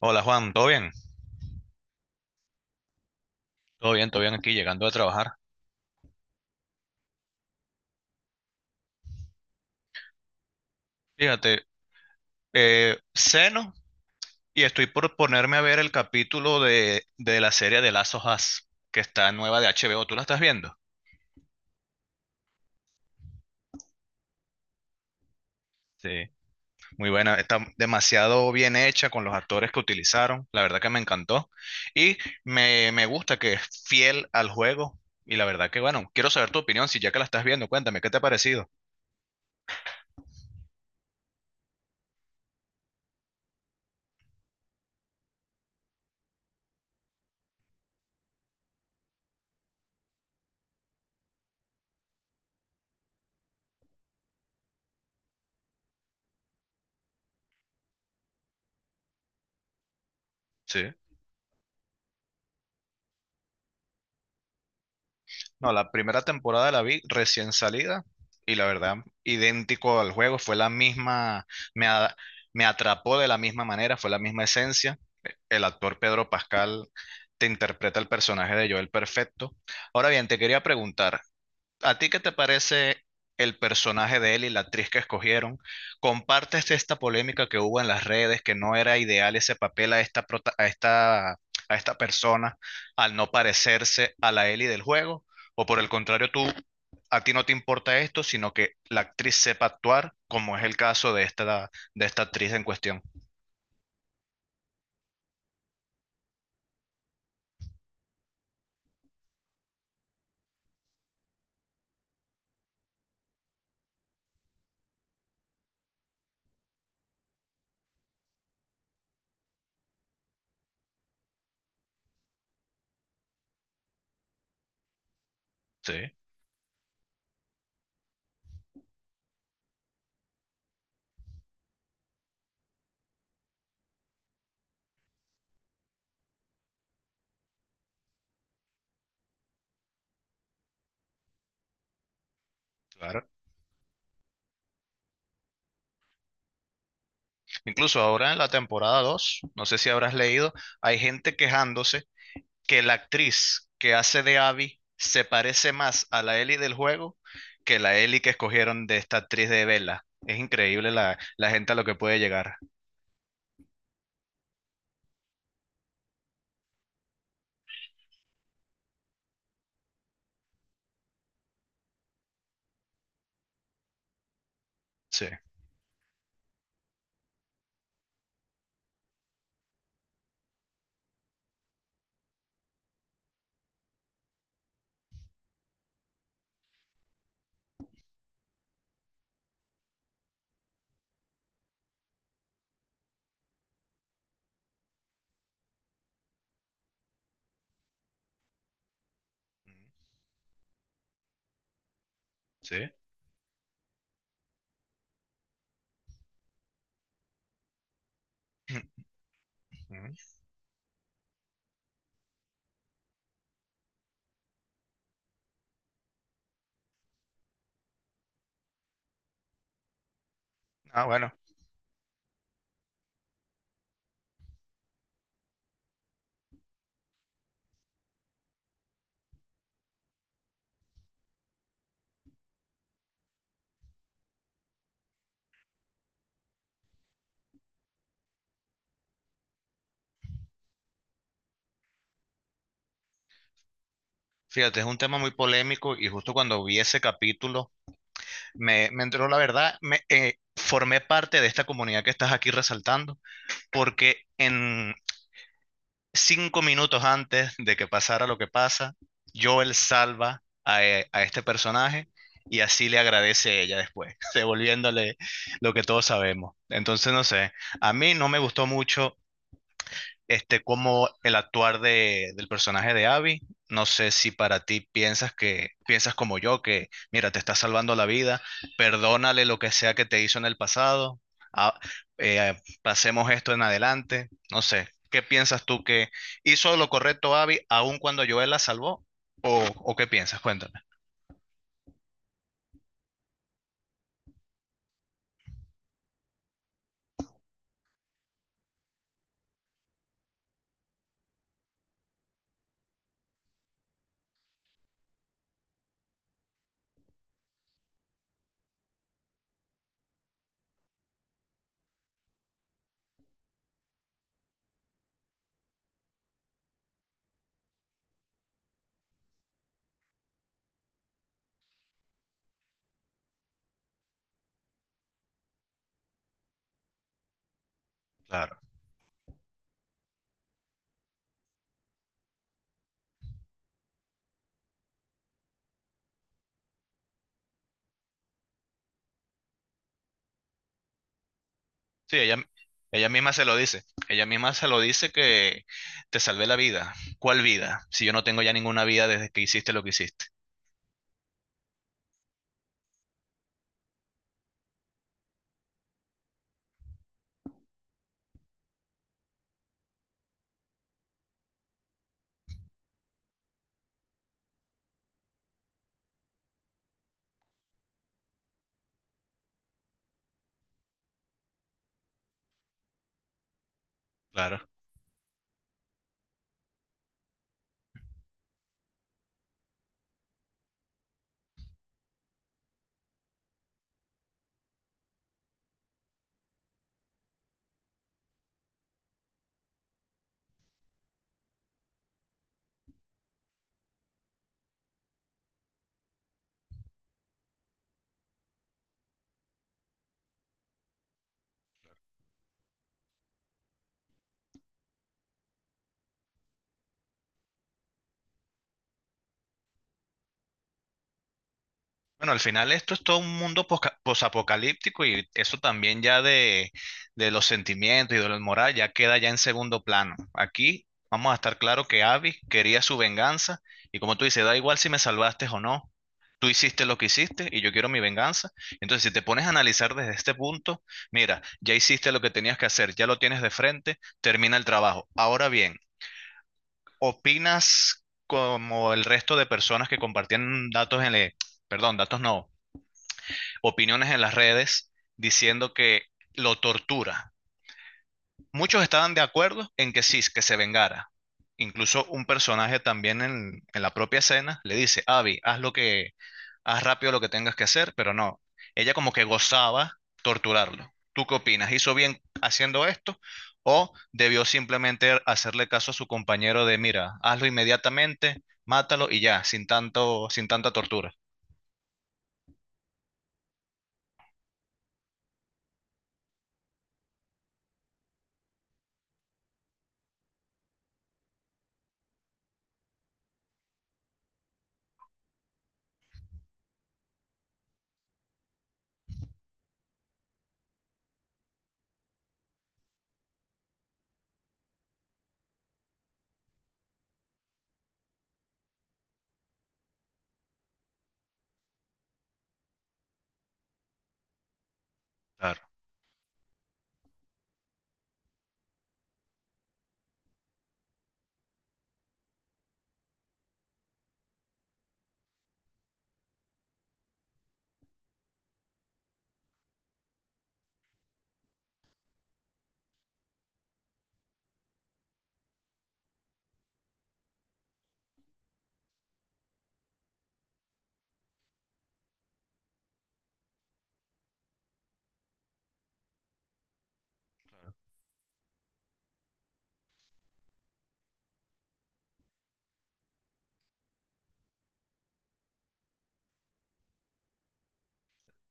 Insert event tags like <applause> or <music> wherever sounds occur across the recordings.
Hola Juan, ¿todo bien? Todo bien, todo bien aquí, llegando a trabajar. Fíjate, ceno y estoy por ponerme a ver el capítulo de la serie de Last of Us, que está nueva de HBO. ¿Tú la estás viendo? Sí, muy buena, está demasiado bien hecha con los actores que utilizaron, la verdad que me encantó. Y me gusta que es fiel al juego y la verdad que bueno, quiero saber tu opinión, si ya que la estás viendo, cuéntame, ¿qué te ha parecido? Sí. No, la primera temporada la vi recién salida y la verdad, idéntico al juego, fue la misma, me, a- me atrapó de la misma manera, fue la misma esencia. El actor Pedro Pascal te interpreta el personaje de Joel perfecto. Ahora bien, te quería preguntar, ¿a ti qué te parece el personaje de él y la actriz que escogieron? ¿Compartes esta polémica que hubo en las redes, que no era ideal ese papel a a esta persona al no parecerse a la Ellie del juego? ¿O por el contrario, tú, a ti no te importa esto, sino que la actriz sepa actuar, como es el caso de esta actriz en cuestión? Sí, claro. Incluso ahora en la temporada 2 no sé si habrás leído, hay gente quejándose que la actriz que hace de Abby se parece más a la Ellie del juego que la Ellie que escogieron de esta actriz de Bella. Es increíble la gente a lo que puede llegar. Sí. Sí. <clears throat> Ah, bueno. Fíjate, es un tema muy polémico y justo cuando vi ese capítulo me entró la verdad, me formé parte de esta comunidad que estás aquí resaltando, porque 5 minutos antes de que pasara lo que pasa, Joel salva a este personaje y así le agradece ella después, <laughs> devolviéndole lo que todos sabemos. Entonces, no sé, a mí no me gustó mucho como el actuar del personaje de Abby. No sé si para ti piensas que piensas como yo, que mira, te está salvando la vida, perdónale lo que sea que te hizo en el pasado, ah, pasemos esto en adelante. No sé, ¿qué piensas tú que hizo lo correcto Abby aun cuando Joel la salvó? ¿O qué piensas? Cuéntame. Claro. Sí, ella misma se lo dice. Ella misma se lo dice que te salvé la vida. ¿Cuál vida? Si yo no tengo ya ninguna vida desde que hiciste lo que hiciste. Claro. Bueno, al final esto es todo un mundo posapocalíptico y eso también ya de los sentimientos y de la moral ya queda ya en segundo plano. Aquí vamos a estar claro que Abby quería su venganza y como tú dices, da igual si me salvaste o no, tú hiciste lo que hiciste y yo quiero mi venganza. Entonces, si te pones a analizar desde este punto, mira, ya hiciste lo que tenías que hacer, ya lo tienes de frente, termina el trabajo. Ahora bien, ¿opinas como el resto de personas que compartían datos en el, perdón, datos no, opiniones en las redes diciendo que lo tortura? Muchos estaban de acuerdo en que sí, que se vengara. Incluso un personaje también en la propia escena le dice, Abby, haz rápido lo que tengas que hacer, pero no. Ella como que gozaba torturarlo. ¿Tú qué opinas? ¿Hizo bien haciendo esto o debió simplemente hacerle caso a su compañero de, mira, hazlo inmediatamente, mátalo y ya, sin tanto, sin tanta tortura? Claro.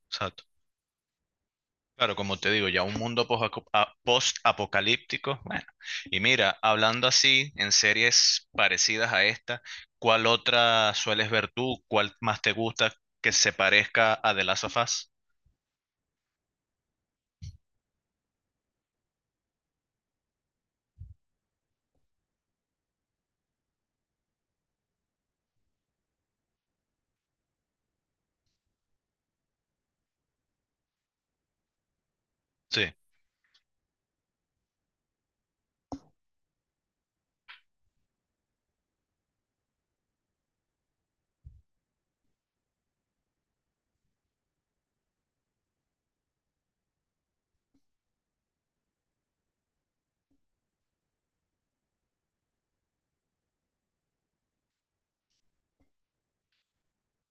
O sea, claro, como te digo, ya un mundo post-apocalíptico. Bueno, y mira, hablando así, en series parecidas a esta, ¿cuál otra sueles ver tú? ¿Cuál más te gusta que se parezca a The Last of Us? Sí.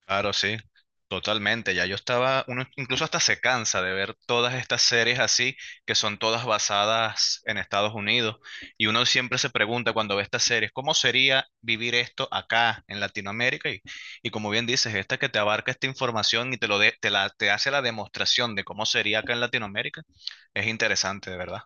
Claro, sí, totalmente. Ya yo estaba, uno incluso hasta se cansa de ver todas estas series así, que son todas basadas en Estados Unidos. Y uno siempre se pregunta cuando ve estas series, ¿cómo sería vivir esto acá en Latinoamérica? Y como bien dices, esta que te abarca esta información y te lo de- te la, te hace la demostración de cómo sería acá en Latinoamérica, es interesante, de verdad.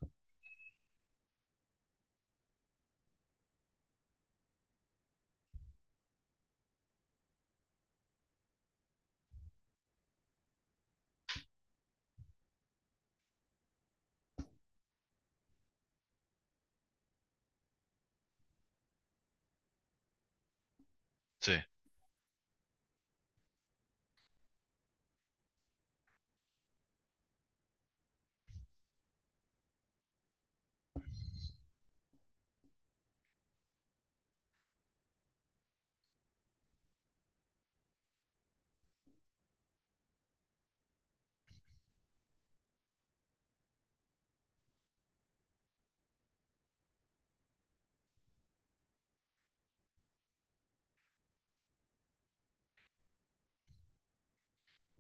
Sí,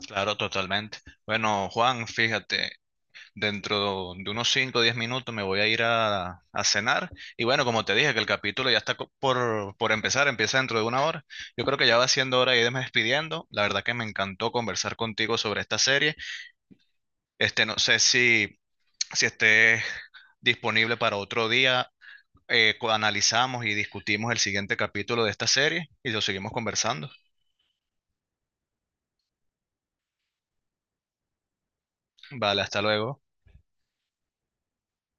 claro, totalmente. Bueno, Juan, fíjate. Dentro de unos cinco o 10 minutos me voy a ir a cenar. Y bueno, como te dije, que el capítulo ya está por empezar, empieza dentro de una hora. Yo creo que ya va siendo hora de irme despidiendo. La verdad que me encantó conversar contigo sobre esta serie. No sé si esté disponible para otro día. Analizamos y discutimos el siguiente capítulo de esta serie y lo seguimos conversando. Vale, hasta luego.